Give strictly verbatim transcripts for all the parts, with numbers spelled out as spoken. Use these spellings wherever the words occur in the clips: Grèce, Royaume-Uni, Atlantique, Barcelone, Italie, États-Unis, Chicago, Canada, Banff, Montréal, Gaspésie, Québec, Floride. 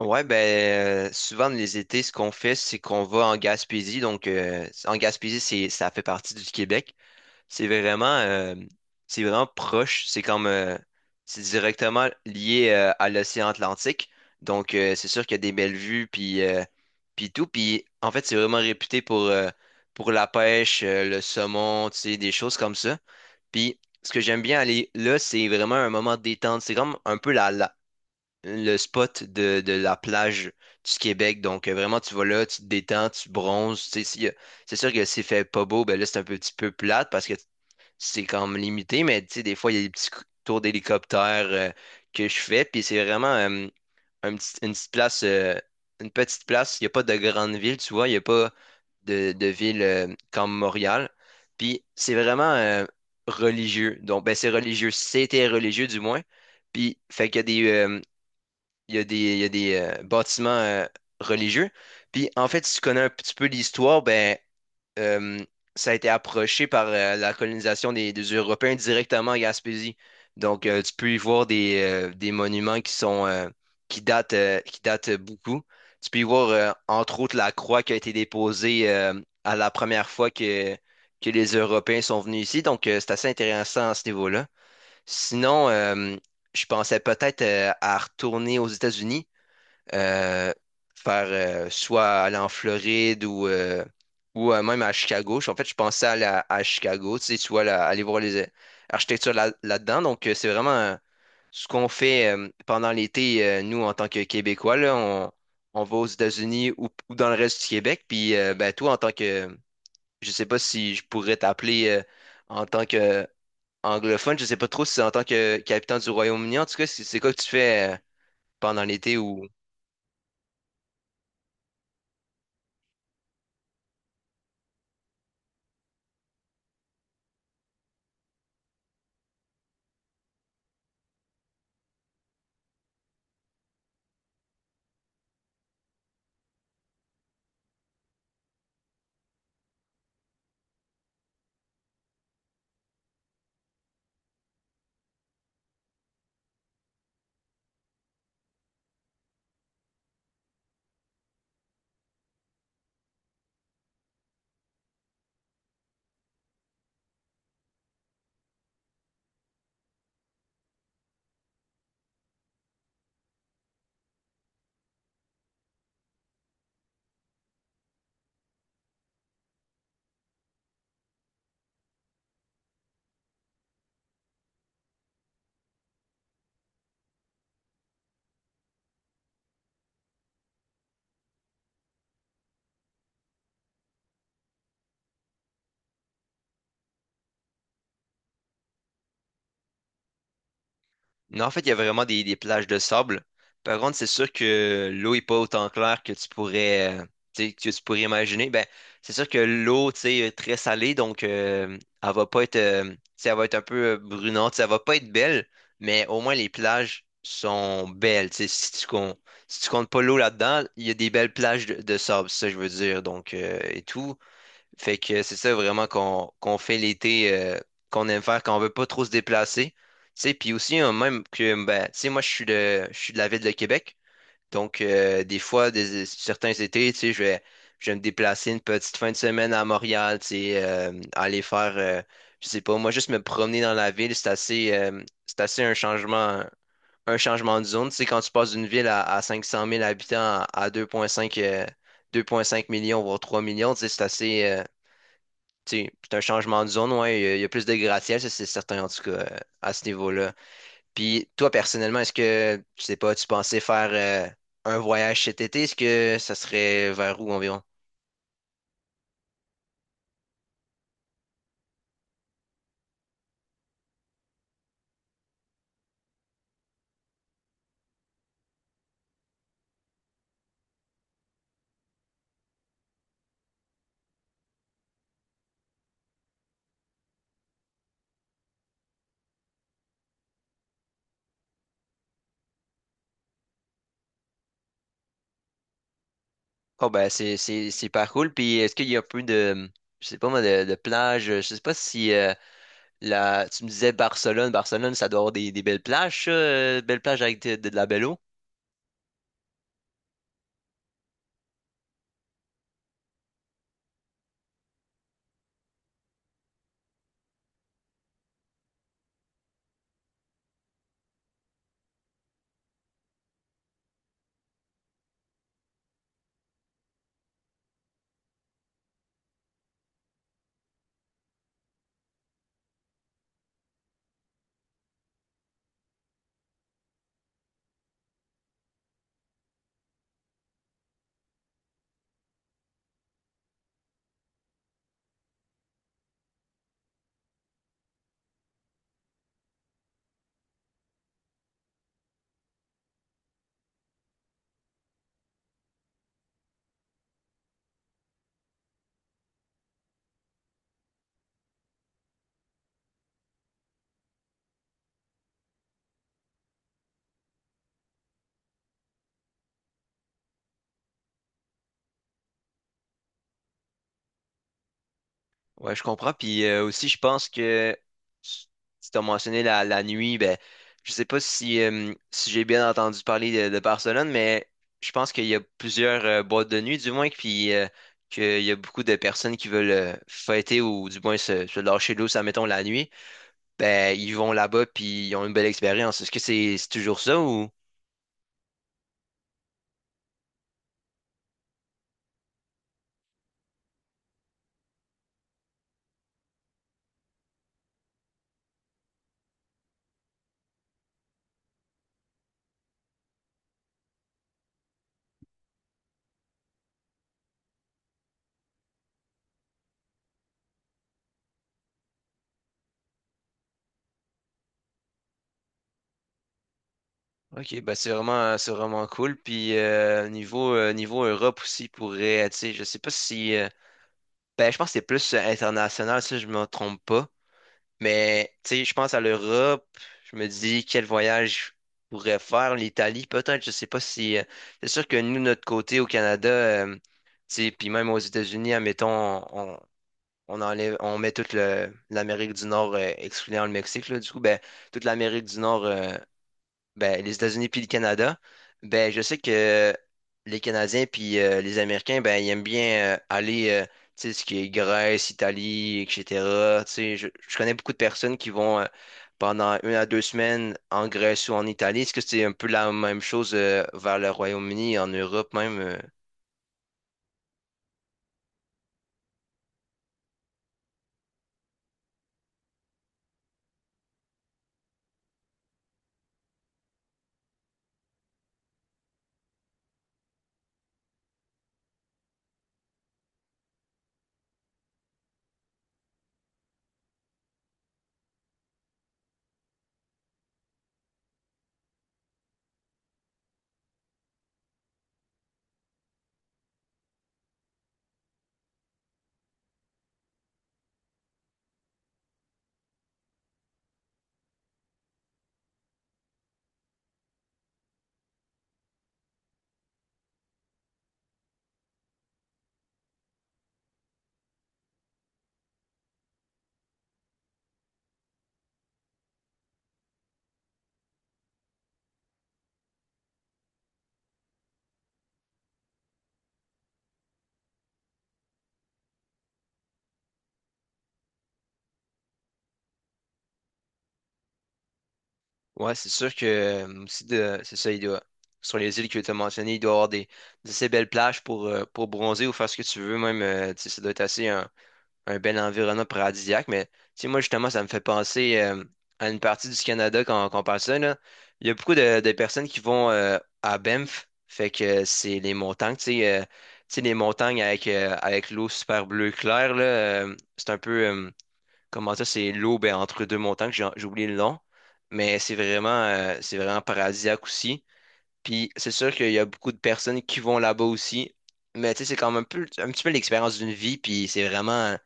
Ouais, ben euh, souvent les étés, ce qu'on fait, c'est qu'on va en Gaspésie. Donc euh, en Gaspésie, c'est ça fait partie du Québec. C'est vraiment euh, c'est vraiment proche. C'est comme euh, c'est directement lié euh, à l'océan Atlantique. Donc euh, c'est sûr qu'il y a des belles vues puis euh, puis tout. Puis en fait, c'est vraiment réputé pour euh, pour la pêche, euh, le saumon, tu sais, des choses comme ça. Puis ce que j'aime bien aller là, c'est vraiment un moment de détente. C'est comme un peu la, le spot de, de la plage du Québec. Donc, euh, vraiment, tu vas là, tu te détends, tu bronzes. Tu sais, s'il y a- c'est sûr que s'il fait pas beau, ben là, c'est un peu- petit peu plate parce que c'est comme limité, mais tu sais, des fois, il y a des petits cou- tours d'hélicoptère euh, que je fais. Puis c'est vraiment euh, un petit- une petite place, euh, une petite place. Il n'y a pas de grande ville, tu vois. Il n'y a pas de, de ville euh, comme Montréal. Puis c'est vraiment euh, religieux. Donc, ben, c'est religieux. C'était religieux, du moins. Puis, fait qu'il y a des, euh, il y a des, il y a des euh, bâtiments euh, religieux. Puis en fait, si tu connais un petit peu l'histoire, ben euh, ça a été approché par euh, la colonisation des, des Européens directement à Gaspésie. Donc euh, tu peux y voir des, euh, des monuments qui sont euh, qui datent euh, qui datent beaucoup. Tu peux y voir euh, entre autres la croix qui a été déposée euh, à la première fois que que les Européens sont venus ici. Donc euh, c'est assez intéressant à ce niveau-là. Sinon, euh, je pensais peut-être euh, à retourner aux États-Unis euh, faire euh, soit aller en Floride ou, euh, ou euh, même à Chicago. En fait, je pensais aller à, à Chicago, tu sais, tu vois, là, aller voir les euh, architectures là, là-dedans. Donc, euh, c'est vraiment euh, ce qu'on fait euh, pendant l'été, euh, nous, en tant que Québécois, là, on, on va aux États-Unis ou, ou dans le reste du Québec. Puis, euh, ben, toi, en tant que, je sais pas si je pourrais t'appeler euh, en tant que euh, anglophone, je sais pas trop si c'est en tant que qu'habitant du Royaume-Uni. En tout cas, c'est c'est quoi que tu fais euh, pendant l'été ou? Non, en fait, il y a vraiment des, des plages de sable. Par contre, c'est sûr que l'eau est pas autant claire que tu pourrais, euh, tu sais, que tu pourrais imaginer. Ben, c'est sûr que l'eau, tu sais, est très salée, donc euh, elle va pas être, euh, tu sais, elle va être un peu euh, brunante, ça va pas être belle, mais au moins les plages sont belles. Tu sais, si tu comptes, si tu comptes pas l'eau là-dedans, il y a des belles plages de, de sable, c'est ça que je veux dire. Donc euh, et tout. Fait que c'est ça vraiment qu'on qu'on fait l'été euh, qu'on aime faire quand on veut pas trop se déplacer. Tu sais, puis aussi euh, même que ben, tu sais, moi je suis de je suis de la ville de Québec. Donc euh, des fois des, certains étés, tu sais, je vais je vais me déplacer une petite fin de semaine à Montréal, tu sais, euh, aller faire euh, je sais pas, moi juste me promener dans la ville, c'est assez euh, c'est assez un changement un changement de zone, tu sais quand tu passes d'une ville à, à cinq cent mille habitants à, à deux virgule cinq euh, deux virgule cinq millions voire trois millions, tu sais, c'est assez euh, tu sais, c'est un changement de zone, ouais, il y a, il y a plus de gratte-ciel, ça c'est certain en tout cas euh, à ce niveau-là. Puis toi personnellement, est-ce que, je sais pas, tu pensais faire euh, un voyage cet été? Est-ce que ça serait vers où environ? Oh ben c'est c'est c'est pas cool. Puis est-ce qu'il y a un peu de je sais pas moi de, de plage, je sais pas si euh, la tu me disais Barcelone, Barcelone ça doit avoir des, des belles plages, ça, euh, belles plages avec de, de la belle eau. Ouais, je comprends. Puis euh, aussi, je pense que si tu as mentionné la, la nuit, ben, je sais pas si, euh, si j'ai bien entendu parler de, de Barcelone, mais je pense qu'il y a plusieurs euh, boîtes de nuit, du moins, puis euh, qu'il y a beaucoup de personnes qui veulent euh, fêter ou du moins se, se lâcher l'eau, ça mettons la nuit. Ben, ils vont là-bas, puis ils ont une belle expérience. Est-ce que c'est c'est toujours ça ou? Ok, ben c'est vraiment c'est vraiment cool. Puis euh, niveau euh, niveau Europe aussi pourrait, tu sais, je sais pas si. Ben, je pense que c'est plus euh, international, si je me trompe pas. Mais, tu sais, je pense à l'Europe. Je me dis, quel voyage je pourrais faire? L'Italie, peut-être. Je sais pas si. euh, c'est sûr que nous, notre côté au Canada, euh, tu sais, puis même aux États-Unis, admettons, on, on enlève, on met toute le- l'Amérique du Nord, euh, excluant le Mexique, là, du coup, ben, toute l'Amérique du Nord. Euh, ben, les États-Unis puis le Canada, ben, je sais que les Canadiens puis euh, les Américains, ben, ils aiment bien euh, aller, euh, tu sais, ce qui est Grèce, Italie, et cetera. Tu sais, je, je connais beaucoup de personnes qui vont euh, pendant une à deux semaines en Grèce ou en Italie. Est-ce que c'est un peu la même chose euh, vers le Royaume-Uni, en Europe même? euh? Ouais, c'est sûr que euh, aussi de, c'est ça, il doit, sur les îles que tu as mentionnées, il doit y avoir des, des assez belles plages pour, euh, pour bronzer ou faire ce que tu veux même. Euh, tu sais, ça doit être assez... un. un bel environnement paradisiaque, mais tu sais, moi, justement, ça me fait penser euh, à une partie du Canada quand, quand on parle de ça, là. Il y a beaucoup de, de personnes qui vont euh, à Banff, fait que c'est les montagnes, tu sais, euh, tu sais, les montagnes avec, euh, avec l'eau super bleue claire, là, euh, c'est un peu, euh, comment ça, c'est l'eau ben, entre deux montagnes, j'ai j'ai oublié le nom, mais c'est vraiment, euh, c'est vraiment paradisiaque aussi. Puis c'est sûr qu'il y a beaucoup de personnes qui vont là-bas aussi. Mais tu sais, c'est quand même un peu, un petit peu l'expérience d'une vie. Puis c'est vraiment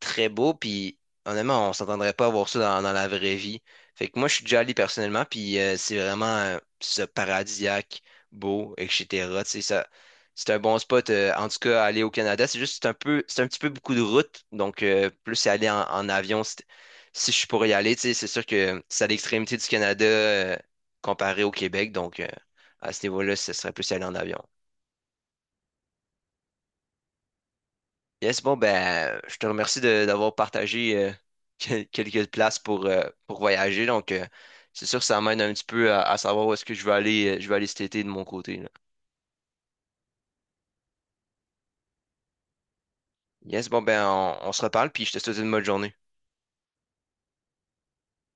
très beau. Puis honnêtement, on s'entendrait pas avoir ça dans, dans la vraie vie. Fait que moi, je suis déjà allé personnellement. Puis euh, c'est vraiment euh, ce paradisiaque, beau, et etc. Tu sais, ça, c'est un bon spot. euh, en tout cas, aller au Canada, c'est juste c'est un peu, c'est un petit peu beaucoup de route. Donc euh, plus c'est aller en, en avion, c'est- si je suis pour y aller, tu sais, c'est sûr que c'est à l'extrémité du Canada euh, comparé au Québec. Donc. euh, à ce niveau-là, ce serait plus y aller en avion. Yes, bon, ben, je te remercie de- d'avoir partagé euh, quel- quelques places pour, euh, pour voyager. Donc, euh, c'est sûr que ça m'aide un petit peu à, à savoir où est-ce que je vais aller, euh, je vais aller cet été de mon côté, là. Yes, bon, ben, on, on se reparle, puis je te souhaite une bonne journée.